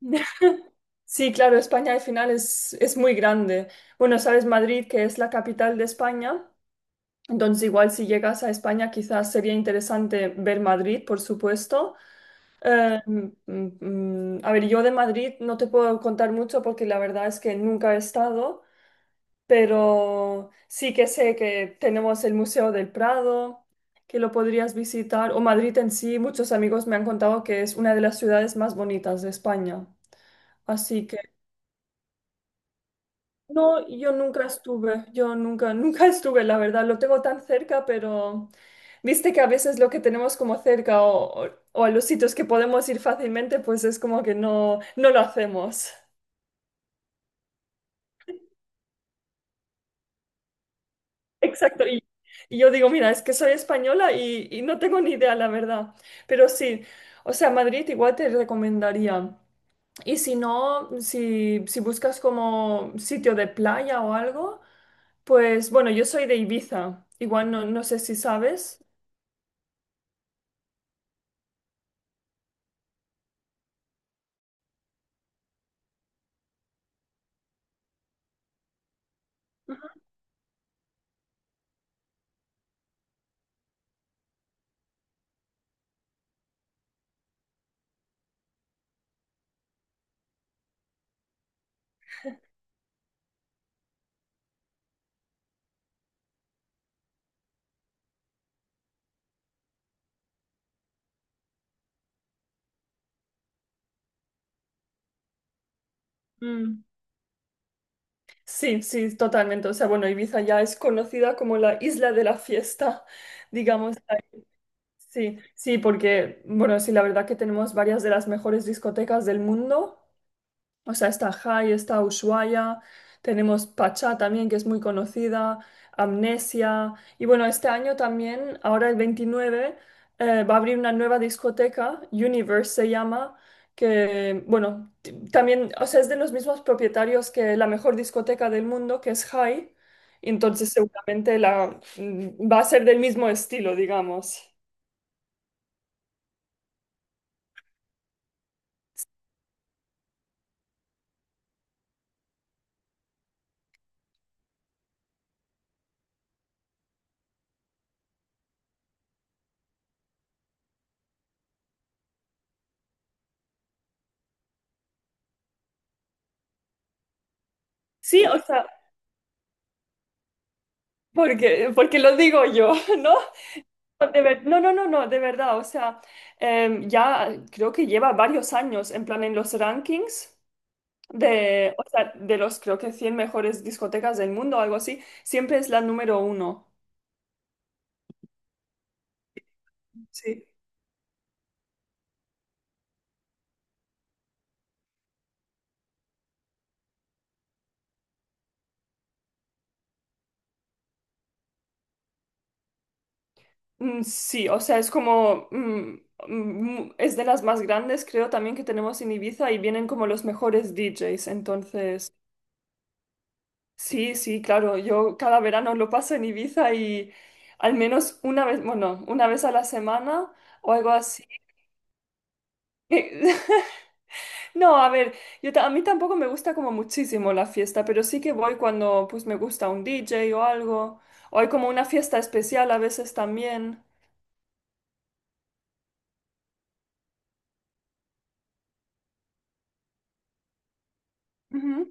Sí, claro, España al final es muy grande. Bueno, sabes, Madrid, que es la capital de España, entonces igual si llegas a España quizás sería interesante ver Madrid, por supuesto. Eh, mm, a ver, yo de Madrid no te puedo contar mucho porque la verdad es que nunca he estado, pero sí que sé que tenemos el Museo del Prado, que lo podrías visitar, o Madrid en sí, muchos amigos me han contado que es una de las ciudades más bonitas de España. Así que... No, yo nunca estuve, yo nunca, nunca estuve, la verdad, lo tengo tan cerca, pero viste que a veces lo que tenemos como cerca o a los sitios que podemos ir fácilmente, pues es como que no lo hacemos. Exacto, y yo digo, mira, es que soy española y no tengo ni idea, la verdad, pero sí, o sea, Madrid igual te recomendaría. Y si no, si buscas como sitio de playa o algo, pues bueno, yo soy de Ibiza, igual no sé si sabes. Mm. Sí, sí, totalmente. O sea, bueno, Ibiza ya es conocida como la isla de la fiesta, digamos. Sí, sí, porque, bueno, sí, la verdad que tenemos varias de las mejores discotecas del mundo. O sea, está Jai, está Ushuaia, tenemos Pachá también, que es muy conocida, Amnesia. Y bueno, este año también, ahora el 29 va a abrir una nueva discoteca, Universe se llama, que, bueno, también, o sea, es de los mismos propietarios que la mejor discoteca del mundo, que es Jai. Y entonces seguramente va a ser del mismo estilo, digamos. Sí, o sea, porque lo digo yo, ¿no? De ver- no, no, no, no, de verdad, o sea, ya creo que lleva varios años en plan en los rankings de, o sea, de los creo que 100 mejores discotecas del mundo o algo así, siempre es la número uno. Sí. Sí, o sea, es como es de las más grandes creo también que tenemos en Ibiza y vienen como los mejores DJs, entonces, sí, sí, claro, yo cada verano lo paso en Ibiza y al menos una vez, bueno, una vez a la semana o algo así. No, a ver, a mí tampoco me gusta como muchísimo la fiesta, pero sí que voy cuando pues me gusta un DJ o algo, o hay como una fiesta especial a veces también. Ujú.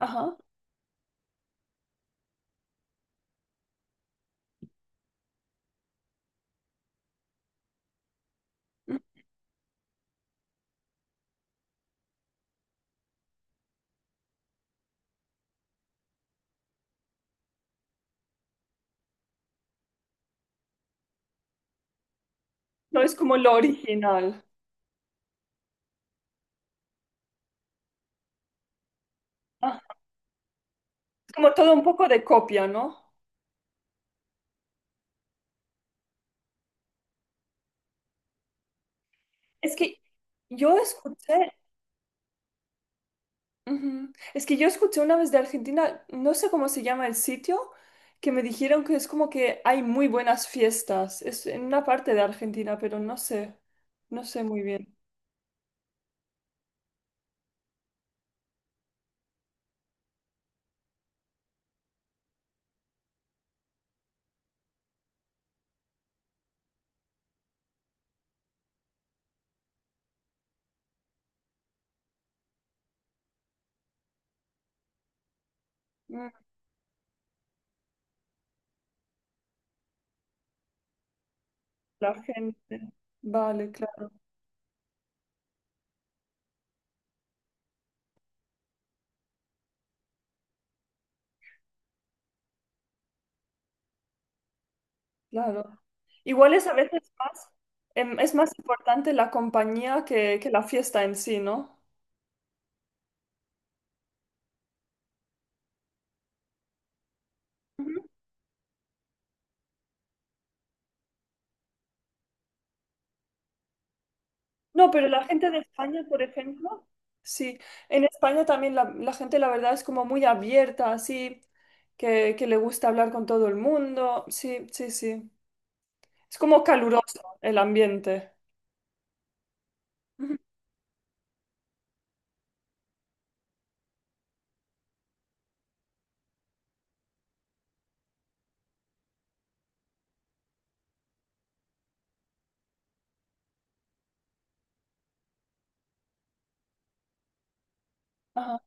Ajá. Ujú. No es como lo original. Ah, es como todo un poco de copia, ¿no? Es que yo escuché, Ujú. Es que yo escuché una vez de Argentina, no sé cómo se llama el sitio, que me dijeron que es como que hay muy buenas fiestas. Es en una parte de Argentina, pero no sé, no sé muy bien. Mm. La gente. Vale, claro, claro. Igual es a veces más, es más importante la compañía que la fiesta en sí, ¿no? Ujú. No, pero la gente de España, por ejemplo, sí, en España también la gente, la verdad, es como muy abierta, así, que le gusta hablar con todo el mundo. Sí, sí, sí. Es como caluroso el ambiente. Ujú. Ajá.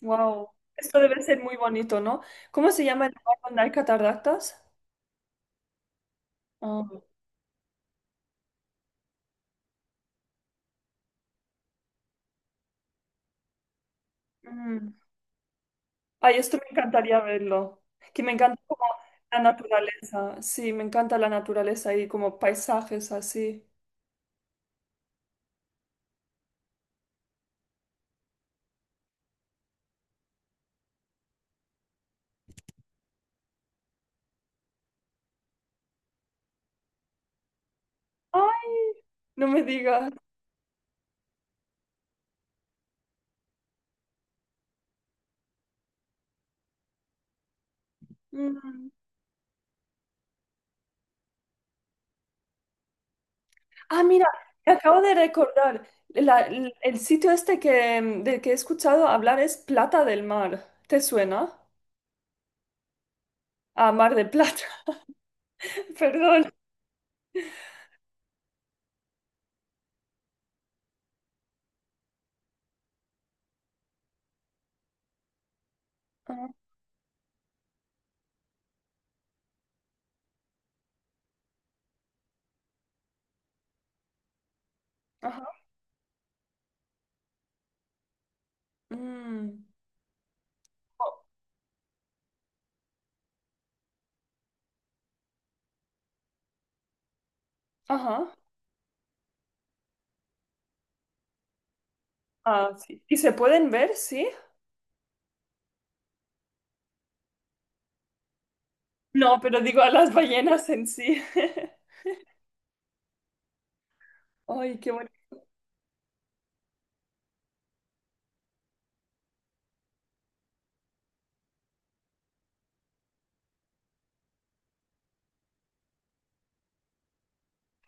Wow. Esto debe ser muy bonito, ¿no? ¿Cómo se llama el lugar donde hay cataratas? Ah. Ay, esto me encantaría verlo. Que me encanta como la naturaleza. Sí, me encanta la naturaleza y como paisajes así. Ay, no me digas. Mm. Ah, mira, me acabo de recordar. El sitio este que, del que he escuchado hablar es Plata del Mar. ¿Te suena? Ah, Mar de Plata. Perdón. Ah. Ajá. Mm. Oh. Ajá. Ah, sí. ¿Y se pueden ver? Sí. No, pero digo a las ballenas en sí. Ay, qué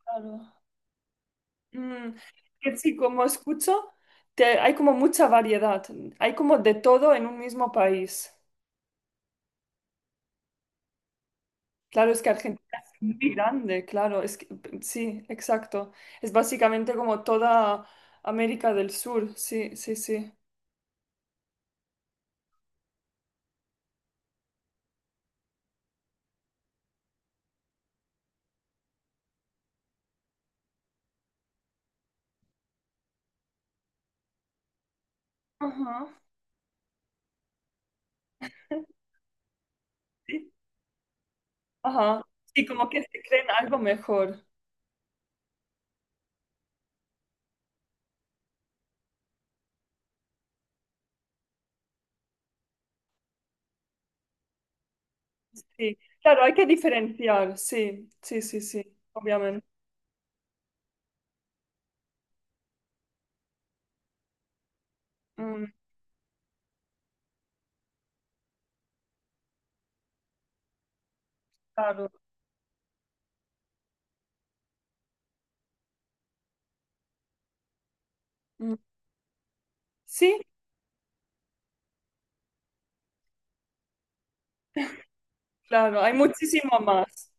bonito. Mm, que sí, como escucho, hay como mucha variedad, hay como de todo en un mismo país. Claro, es que Argentina es muy grande, claro, es que- sí, exacto. Es básicamente como toda América del Sur, sí, sí, sí. Ajá, sí, ajá. Sí, como que se creen algo mejor, sí. Claro, hay que diferenciar, sí, sí, sí, sí, obviamente. Mm, claro. Mm. Sí, claro, hay muchísimo más.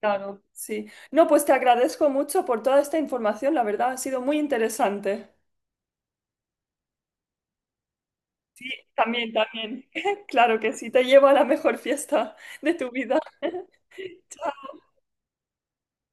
Claro, sí. No, pues te agradezco mucho por toda esta información, la verdad ha sido muy interesante. Sí, también, también. Claro que sí, te llevo a la mejor fiesta de tu vida.